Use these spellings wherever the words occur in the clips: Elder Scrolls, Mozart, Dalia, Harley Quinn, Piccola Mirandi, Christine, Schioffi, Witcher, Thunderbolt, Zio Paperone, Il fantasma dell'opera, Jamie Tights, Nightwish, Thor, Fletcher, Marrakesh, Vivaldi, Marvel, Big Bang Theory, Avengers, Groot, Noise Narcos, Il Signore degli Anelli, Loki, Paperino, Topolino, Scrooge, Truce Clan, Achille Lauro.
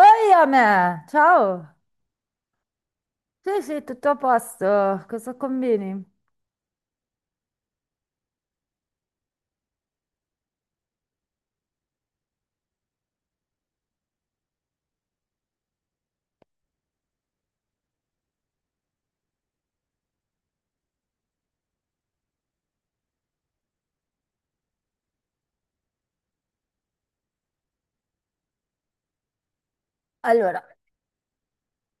Oi a me, ciao. Sì, sì, tutto a posto. Cosa combini? Allora,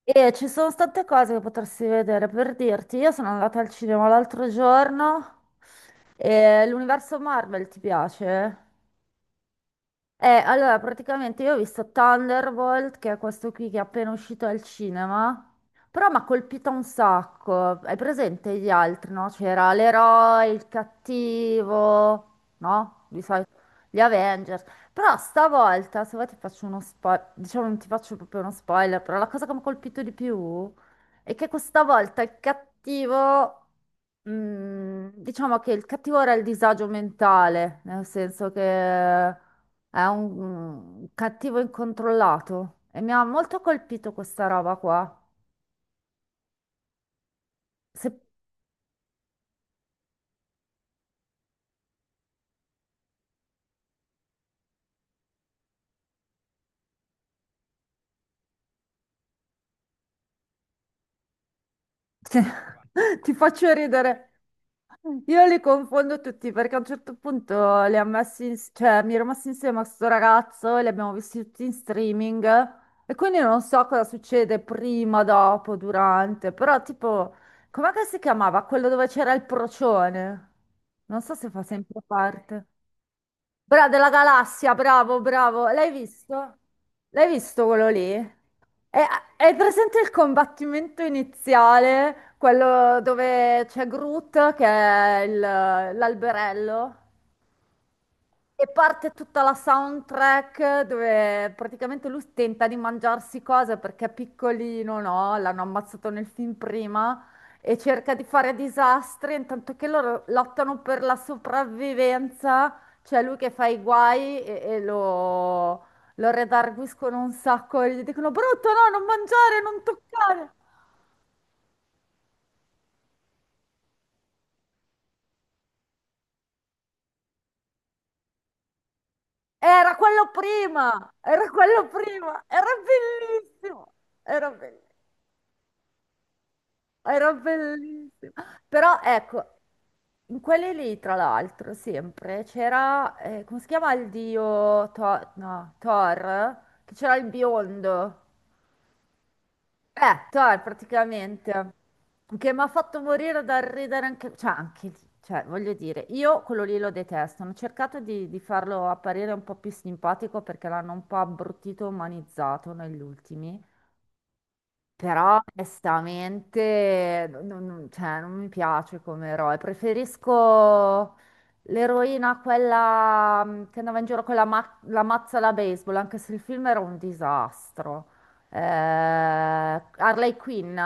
ci sono tante cose che potresti vedere. Per dirti, io sono andata al cinema l'altro giorno e l'universo Marvel ti piace? Allora, praticamente io ho visto Thunderbolt, che è questo qui che è appena uscito al cinema, però mi ha colpito un sacco. Hai presente gli altri, no? C'era l'eroe, il cattivo, no? Di solito gli Avengers. Però stavolta, se vuoi ti faccio uno spoiler, diciamo non ti faccio proprio uno spoiler, però la cosa che mi ha colpito di più e che questa volta il cattivo, diciamo che il cattivo era il disagio mentale, nel senso che è un cattivo incontrollato e mi ha molto colpito questa roba qua. Se- ti faccio ridere. Io li confondo tutti perché a un certo punto li ha messi cioè, mi ero messa insieme a questo ragazzo e li abbiamo visti tutti in streaming e quindi non so cosa succede prima, dopo, durante, però tipo, com'è che si chiamava? Quello dove c'era il procione? Non so se fa sempre parte. Della galassia, bravo, bravo. L'hai visto? L'hai visto quello lì? È, è presente il combattimento iniziale, quello dove c'è Groot, che è l'alberello? E parte tutta la soundtrack dove praticamente lui tenta di mangiarsi cose perché è piccolino, no? L'hanno ammazzato nel film prima e cerca di fare disastri, intanto che loro lottano per la sopravvivenza, c'è lui che fa i guai e lo redarguiscono un sacco e gli dicono brutto, no, non mangiare, non toccare. Era quello prima, era quello prima, era bellissimo, era bellissimo. Era bellissimo. Però ecco, in quelli lì, tra l'altro, sempre c'era, come si chiama il dio Thor? No, Thor? Che c'era il biondo. Thor praticamente. Che mi ha fatto morire dal ridere anche, cioè, anche lì, cioè, voglio dire, io quello lì lo detesto. Hanno cercato di farlo apparire un po' più simpatico perché l'hanno un po' abbruttito, umanizzato negli ultimi. Però onestamente, cioè, non mi piace come eroe, preferisco l'eroina, quella che andava in giro con la mazza da baseball, anche se il film era un disastro. Harley Quinn,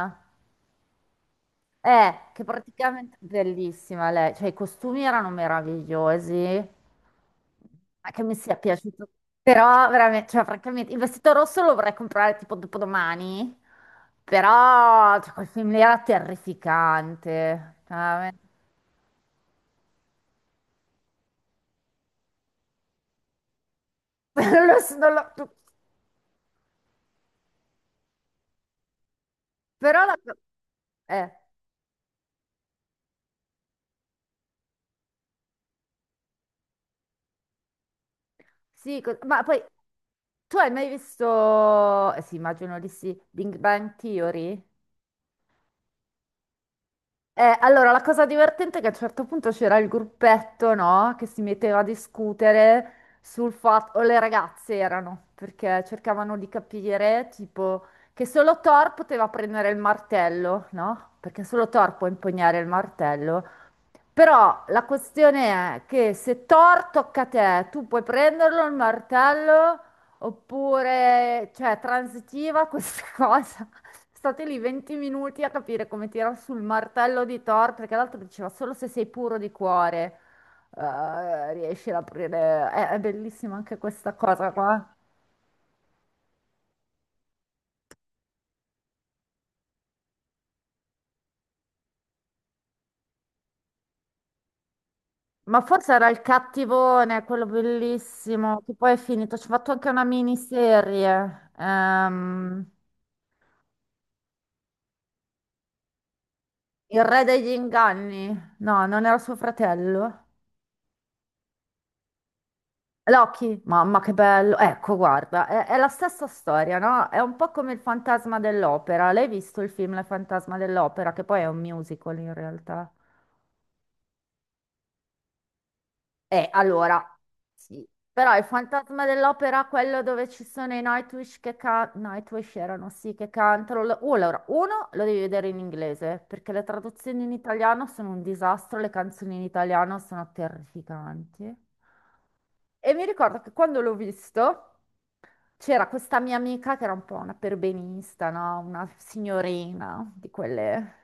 che praticamente bellissima lei, cioè i costumi erano meravigliosi, ma che mi sia piaciuto, però veramente, cioè francamente, il vestito rosso lo vorrei comprare tipo dopodomani, però cioè, quel film lì era terrificante, cioè, veramente. Non lo so, non lo- però la. Eh, sì, co- ma poi tu hai mai visto, eh sì immagino di sì, Big Bang Theory? Allora, la cosa divertente è che a un certo punto c'era il gruppetto, no? Che si metteva a discutere sul fatto, o le ragazze erano, perché cercavano di capire, tipo, che solo Thor poteva prendere il martello, no? Perché solo Thor può impugnare il martello. Però la questione è che se Thor tocca a te, tu puoi prenderlo il martello oppure, cioè, transitiva questa cosa. State lì 20 minuti a capire come tirare sul martello di Thor, perché l'altro diceva solo se sei puro di cuore, riesci ad aprire. È bellissima anche questa cosa qua. Ma forse era il cattivone, quello bellissimo, che poi è finito. Ci ho fatto anche una miniserie. Il re degli inganni? No, non era suo fratello. Loki? Mamma che bello. Ecco, guarda, è la stessa storia, no? È un po' come il fantasma dell'opera. L'hai visto il film Il fantasma dell'opera, che poi è un musical in realtà. Allora, sì, però il fantasma dell'opera, quello dove ci sono i Nightwish che, Nightwish erano, sì, che cantano. Allora, uno lo devi vedere in inglese, perché le traduzioni in italiano sono un disastro, le canzoni in italiano sono terrificanti. E mi ricordo che quando l'ho visto. C'era questa mia amica che era un po' una perbenista, no? Una signorina di quelle.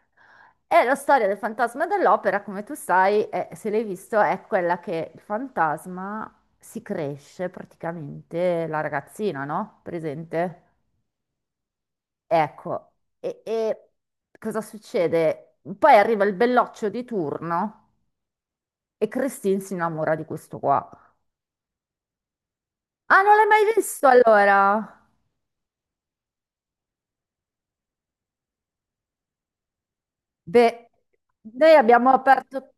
E la storia del fantasma dell'opera, come tu sai, se l'hai visto, è quella che il fantasma si cresce praticamente la ragazzina, no? Presente? Ecco, e cosa succede? Poi arriva il belloccio di turno e Christine si innamora di questo qua. Ah, non l'hai mai visto allora? Beh, noi abbiamo aperto.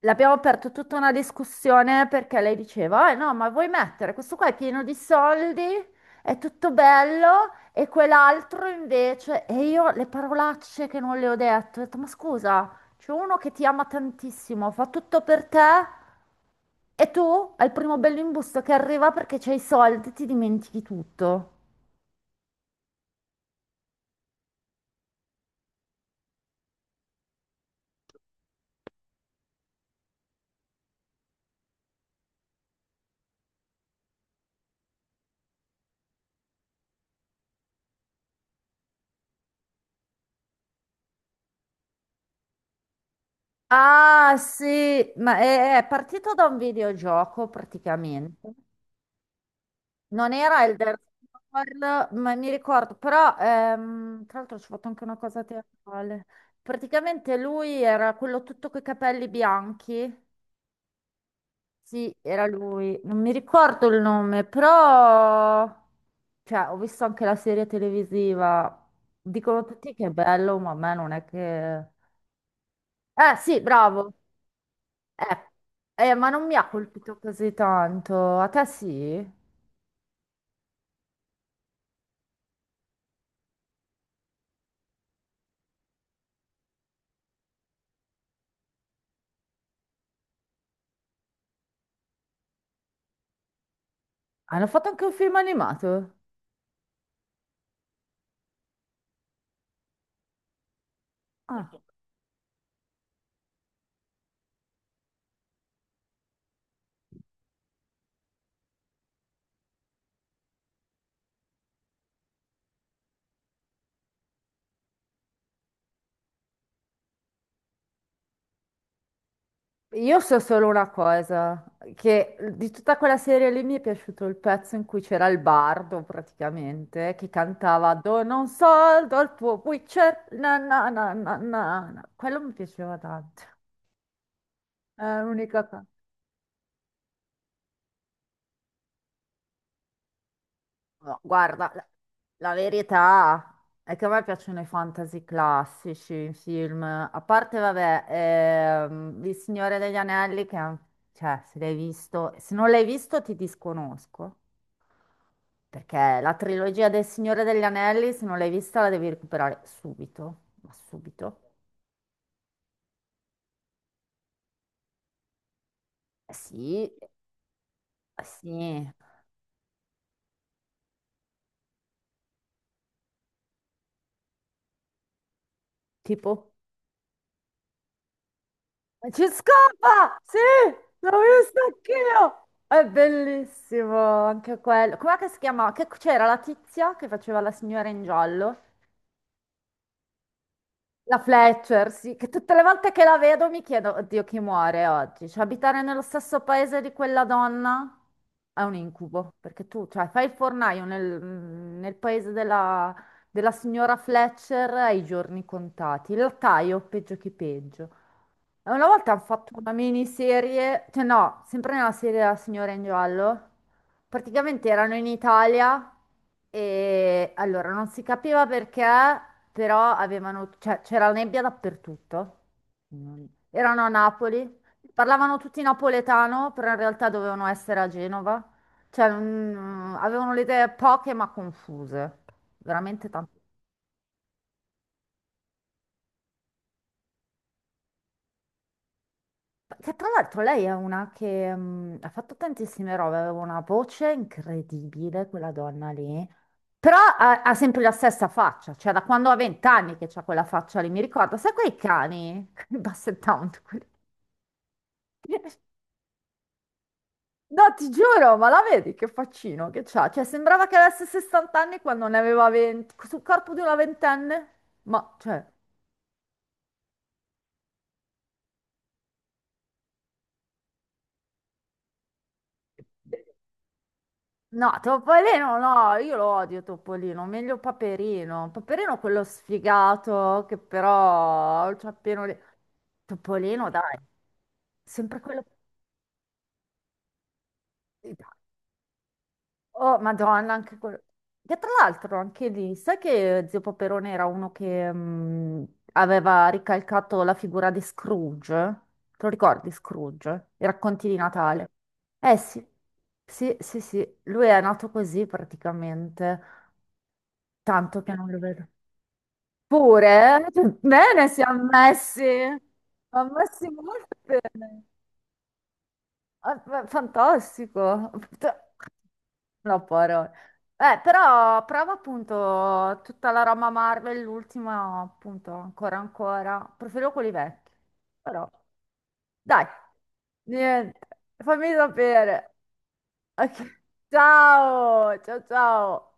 L'abbiamo aperto tutta una discussione perché lei diceva, eh no, ma vuoi mettere questo qua è pieno di soldi, è tutto bello, e quell'altro invece, e io le parolacce che non le ho detto, ma scusa, c'è uno che ti ama tantissimo, fa tutto per te, e tu al primo bello imbusto che arriva perché c'hai i soldi, ti dimentichi tutto. Ah sì, ma è partito da un videogioco praticamente. Non era Elder Scrolls, ma mi ricordo, però tra l'altro ci ho fatto anche una cosa teatrale. Praticamente lui era quello tutto coi capelli bianchi. Sì, era lui. Non mi ricordo il nome, però cioè, ho visto anche la serie televisiva. Dicono tutti che è bello, ma a me non è che. Eh sì, bravo. Eh, ma non mi ha colpito così tanto. A te sì? Hanno fatto anche un film animato? Ah. Io so solo una cosa, che di tutta quella serie lì mi è piaciuto il pezzo in cui c'era il bardo praticamente, che cantava Dono un soldo al tuo Witcher, na na na na na. Na". Quello mi piaceva tanto, è l'unica cosa. No, guarda, la, la verità è che a me piacciono i fantasy classici, i film, a parte, vabbè, Il Signore degli Anelli, che è un- cioè, se l'hai visto, se non l'hai visto ti disconosco. Perché la trilogia del Signore degli Anelli, se non l'hai vista, la devi recuperare subito. Ma subito? Eh sì, eh sì. Tipo? Ma Ci scappa! Sì! L'ho vista anch'io! È bellissimo anche quello. Com'è che si chiama? Che c'era la tizia che faceva la signora in giallo? La Fletcher, sì, che tutte le volte che la vedo mi chiedo, oddio, chi muore oggi? Cioè, abitare nello stesso paese di quella donna è un incubo, perché tu, cioè, fai il fornaio nel, nel paese della, della signora Fletcher ai giorni contati. Il lattaio, peggio che peggio. E una volta hanno fatto una miniserie, cioè no, sempre nella serie della signora in giallo. Praticamente erano in Italia e allora non si capiva perché però avevano, cioè, c'era nebbia dappertutto. Non- Erano a Napoli, parlavano tutti napoletano, però in realtà dovevano essere a Genova. Cioè, avevano le idee poche ma confuse, veramente tanto. Che tra l'altro lei è una che ha fatto tantissime robe, aveva una voce incredibile, quella donna lì. Però ha sempre la stessa faccia, cioè da quando ha 20 anni che c'ha quella faccia lì, mi ricordo, sai quei cani, quei basset hound. No, ti giuro, ma la vedi che faccino che c'ha? Cioè, sembrava che avesse 60 anni quando ne aveva 20, sul corpo di una ventenne. Ma, cioè, no, Topolino, no, io lo odio Topolino, meglio Paperino. Paperino quello sfigato che però c'ha appena. Topolino, dai, sempre quello. Oh, Madonna, anche quello. Che tra l'altro anche lì, sai che Zio Paperone era uno che aveva ricalcato la figura di Scrooge? Te lo ricordi Scrooge? I racconti di Natale. Eh sì, sì, sì, sì, lui è nato così praticamente, tanto che non lo vedo. Pure, eh? Bene, si è messi, ha messi molto bene. Ah, Fantastico. No, parole. Però prova appunto tutta la roba Marvel, l'ultima appunto ancora ancora. Preferivo quelli vecchi. Però dai, niente. Fammi sapere. Ok. Ciao, ciao, ciao.